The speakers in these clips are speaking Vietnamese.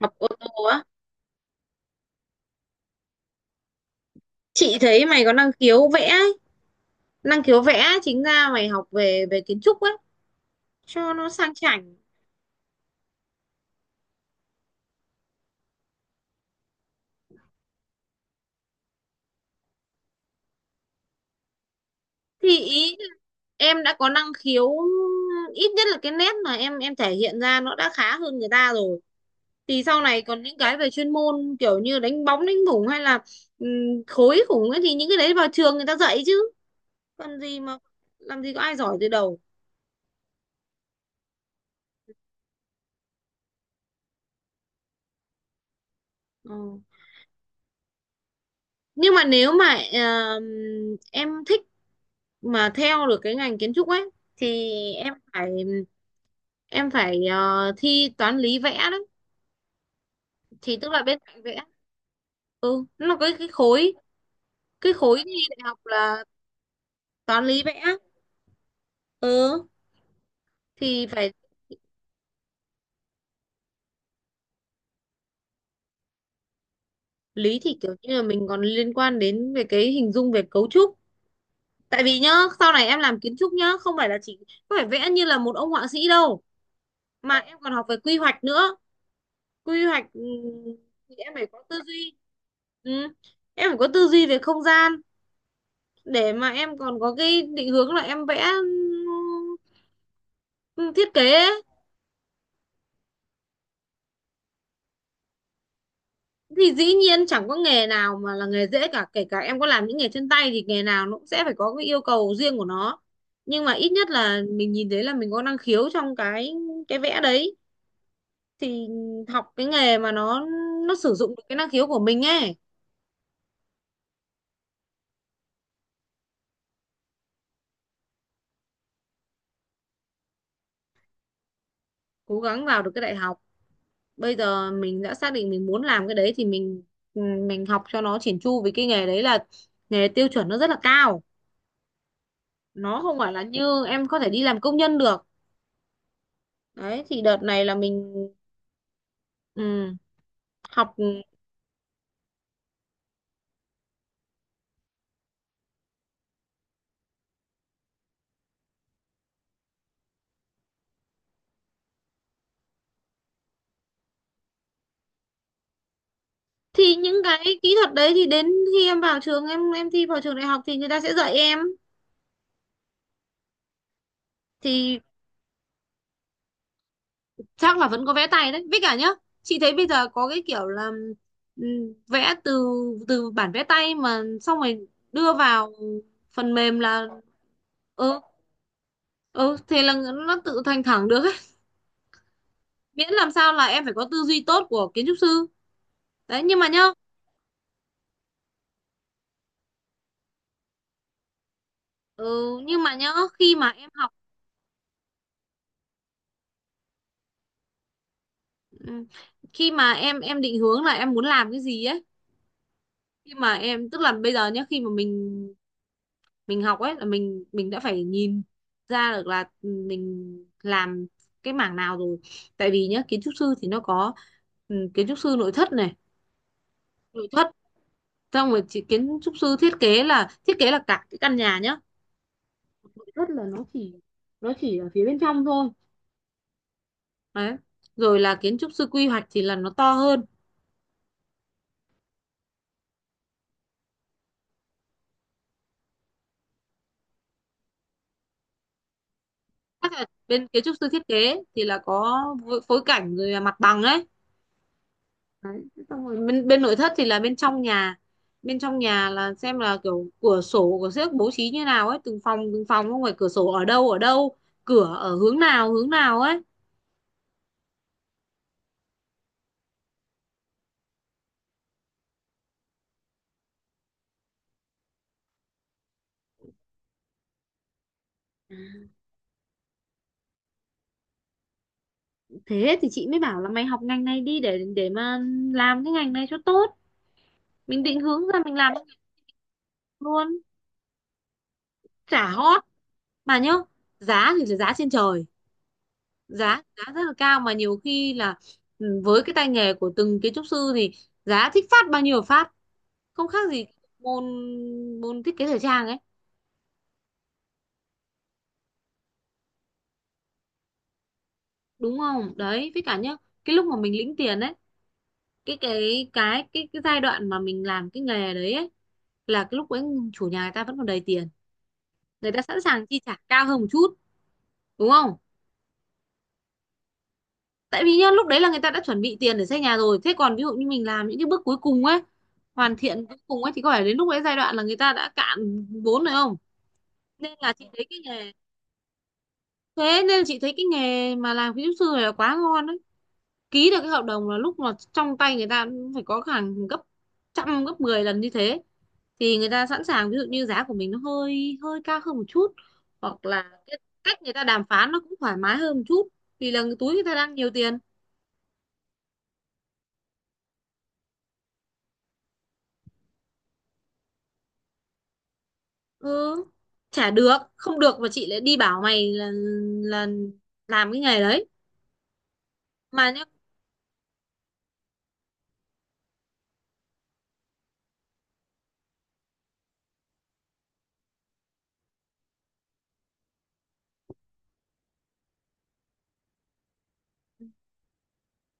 Học ô tô á? Chị thấy mày có năng khiếu vẽ ấy. Năng khiếu vẽ, chính ra mày học về về kiến trúc ấy cho nó sang chảnh. Thì ý là em đã có năng khiếu, ít nhất là cái nét mà em thể hiện ra nó đã khá hơn người ta rồi, thì sau này còn những cái về chuyên môn kiểu như đánh bóng đánh bủng hay là ừm, khối khủng ấy, thì những cái đấy vào trường người ta dạy chứ, còn gì mà làm gì có ai giỏi từ đầu. Ừ. Nhưng mà nếu mà ờm, em thích mà theo được cái ngành kiến trúc ấy thì em phải, em phải thi toán lý vẽ đấy. Thì tức là bên cạnh vẽ, ừ nó có cái khối, cái khối thi đại học là toán lý vẽ. ừ thì phải, lý thì kiểu như là mình còn liên quan đến về cái hình dung về cấu trúc. Tại vì nhá, sau này em làm kiến trúc nhá, không phải là chỉ, không phải vẽ như là một ông họa sĩ đâu, mà em còn học về quy hoạch nữa. Quy hoạch, thì em phải có tư duy. Ừ. Em phải có tư duy về không gian để mà em còn có cái định hướng là em vẽ, ừ, thiết kế ấy. Thì dĩ nhiên chẳng có nghề nào mà là nghề dễ cả, kể cả em có làm những nghề chân tay thì nghề nào nó cũng sẽ phải có cái yêu cầu riêng của nó. Nhưng mà ít nhất là mình nhìn thấy là mình có năng khiếu trong cái vẽ đấy, thì học cái nghề mà nó sử dụng được cái năng khiếu của mình ấy. Cố gắng vào được cái đại học. Bây giờ mình đã xác định mình muốn làm cái đấy thì mình, ừ, mình học cho nó chỉn chu, vì cái nghề đấy là nghề tiêu chuẩn nó rất là cao, nó không phải là như em có thể đi làm công nhân được. Đấy, thì đợt này là mình, ừ, học. Ừ, thì những cái kỹ thuật đấy thì đến khi em vào trường, em thi vào trường đại học thì người ta sẽ dạy em. Thì chắc là vẫn có vẽ tay đấy với cả nhá. Chị thấy bây giờ có cái kiểu là ừ, vẽ từ, bản vẽ tay mà xong rồi đưa vào phần mềm là, ừ ừ thế là nó tự thành thẳng được ấy, miễn làm sao là em phải có tư duy tốt của kiến trúc sư. Đấy, nhưng mà nhá. ừ nhưng mà nhá Khi mà em học, ừ, khi mà em định hướng là em muốn làm cái gì ấy. Khi mà em, tức là bây giờ nhá, khi mà mình, học ấy, là mình, đã phải nhìn ra được là, mình làm cái mảng nào rồi. Tại vì nhá, kiến trúc sư thì nó có, kiến trúc sư nội thất này, nội thất. Xong rồi kiến trúc sư thiết kế là cả cái căn nhà nhá. Nội thất là nó chỉ ở phía bên trong thôi. Đấy. Rồi là kiến trúc sư quy hoạch thì là nó to hơn. Chắc là bên kiến trúc sư thiết kế thì là có phối phối cảnh rồi là mặt bằng ấy. Đấy. Xong rồi bên bên nội thất thì là bên trong nhà. Bên trong nhà là xem là kiểu cửa sổ của xếp bố trí như nào ấy, từng phòng từng phòng, không phải cửa sổ ở đâu ở đâu, cửa ở hướng nào ấy. Thế thì chị mới bảo là mày học ngành này đi, để mà làm cái ngành này cho tốt. Mình định hướng ra mình làm luôn. Chả hot mà nhá, giá thì là giá trên trời. Giá giá rất là cao, mà nhiều khi là, với cái tay nghề của từng kiến trúc sư thì giá thích phát bao nhiêu phát, không khác gì môn môn thiết kế thời trang ấy, đúng không? Đấy với cả nhá, cái lúc mà mình lĩnh tiền ấy, cái giai đoạn mà mình làm cái nghề đấy ấy, là cái lúc ấy chủ nhà người ta vẫn còn đầy tiền, người ta sẵn sàng chi trả cao hơn một chút, đúng không? Tại vì nhá, lúc đấy là người ta đã chuẩn bị tiền để xây nhà rồi, thế còn ví dụ như mình làm những cái bước cuối cùng ấy, hoàn thiện cuối cùng ấy, thì có phải đến lúc đấy, giai đoạn là người ta đã cạn vốn rồi không? Nên là chị thấy cái nghề Thế nên chị thấy cái nghề mà làm kiến trúc sư này là quá ngon đấy. Ký được cái hợp đồng là lúc mà trong tay người ta cũng phải có hàng gấp trăm gấp 10 lần như thế, thì người ta sẵn sàng, ví dụ như giá của mình nó hơi hơi cao hơn một chút, hoặc là cái cách người ta đàm phán nó cũng thoải mái hơn một chút, vì là túi người ta đang nhiều tiền. Ừ, chả được không được mà chị lại đi bảo mày là làm cái nghề đấy. Mà nhá,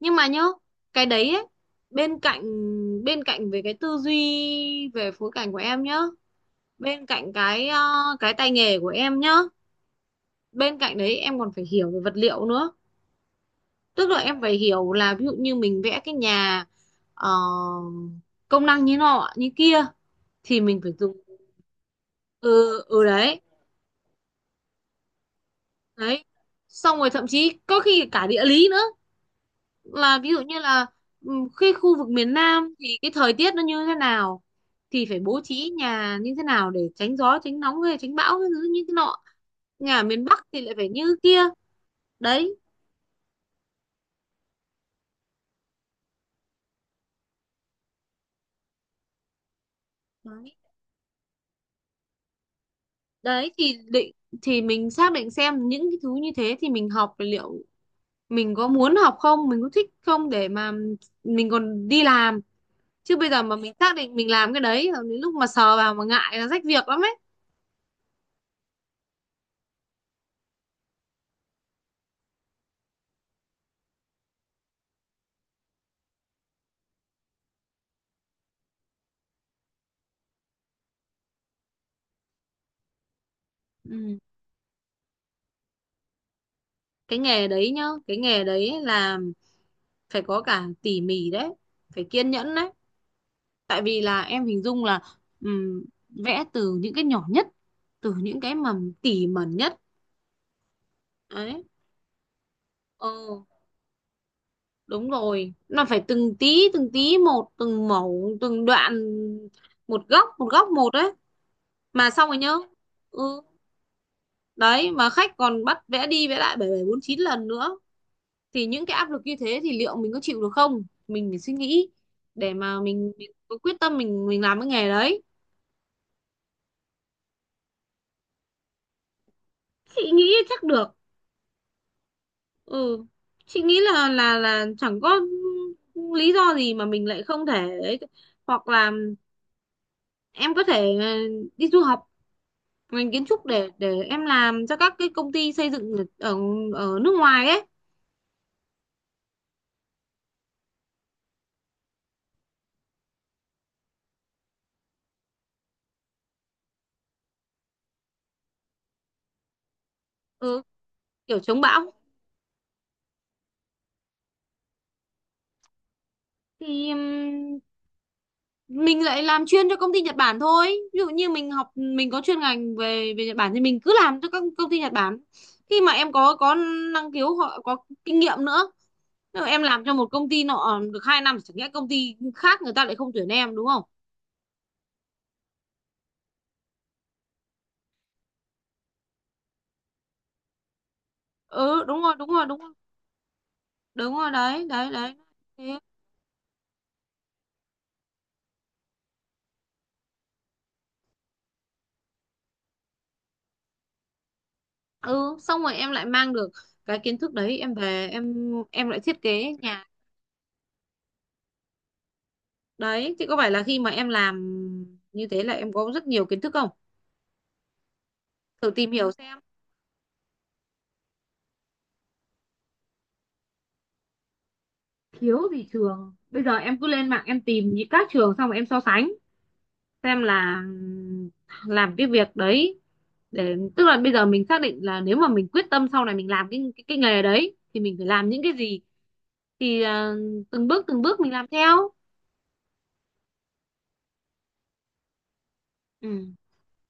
nhưng mà nhá, cái đấy ấy, bên cạnh bên cạnh về cái tư duy, về phối cảnh của em nhá, bên cạnh cái cái tay nghề của em nhá, bên cạnh đấy em còn phải hiểu về vật liệu nữa. Tức là em phải hiểu là, ví dụ như mình vẽ cái nhà, ờ, công năng như nọ như kia thì mình phải dùng, ừ đấy, đấy. Xong rồi thậm chí có khi cả địa lý nữa, là ví dụ như là, ừ, cái khu vực miền Nam thì cái thời tiết nó như thế nào, thì phải bố trí nhà như thế nào để tránh gió tránh nóng hay tránh bão cái thứ như thế nọ. Nhà ở miền Bắc thì lại phải như kia. Đấy, đấy, đấy. Thì mình xác định xem những cái thứ như thế thì mình học, liệu mình có muốn học không, mình có thích không, để mà mình còn đi làm. Chứ bây giờ mà mình xác định mình làm cái đấy rồi, đến lúc mà sờ vào mà ngại là rách việc lắm ấy. Ừ, cái nghề đấy nhá, cái nghề đấy là phải có cả tỉ mỉ đấy, phải kiên nhẫn đấy. Tại vì là em hình dung là, ừm, vẽ từ những cái nhỏ nhất, từ những cái mà tỉ mẩn nhất đấy. ờ Đúng rồi, nó phải từng tí một, từng mẩu từng đoạn, một góc một góc một, đấy. Mà xong rồi nhá, ừ đấy, mà khách còn bắt vẽ đi vẽ lại bảy bảy bốn chín lần nữa, thì những cái áp lực như thế thì liệu mình có chịu được không? Mình phải suy nghĩ để mà mình có quyết tâm mình làm cái nghề đấy. Chị nghĩ chắc được. ừ chị nghĩ là chẳng có lý do gì mà mình lại không thể ấy. Hoặc là em có thể đi du học ngành kiến trúc để em làm cho các cái công ty xây dựng ở ở nước ngoài ấy. Ừ, kiểu chống bão. Thì mình lại làm chuyên cho công ty Nhật Bản thôi. Ví dụ như mình học mình có chuyên ngành về về Nhật Bản thì mình cứ làm cho các công ty Nhật Bản. Khi mà em có năng khiếu, họ có kinh nghiệm nữa. Nếu mà em làm cho một công ty nọ được 2 năm, chẳng nhẽ công ty khác người ta lại không tuyển em, đúng không? Ừ, đúng rồi, đúng rồi, đúng rồi, đúng rồi, đấy, đấy, đấy. Thế. Ừ, xong rồi em lại mang được cái kiến thức đấy em về, em lại thiết kế nhà. Đấy thì có phải là khi mà em làm như thế là em có rất nhiều kiến thức không? Thử tìm hiểu xem, thiếu gì trường bây giờ, em cứ lên mạng em tìm những các trường xong rồi em so sánh xem là, làm cái việc đấy, để tức là bây giờ mình xác định là nếu mà mình quyết tâm sau này mình làm cái nghề đấy thì mình phải làm những cái gì. Thì từng bước mình làm theo. Ừ.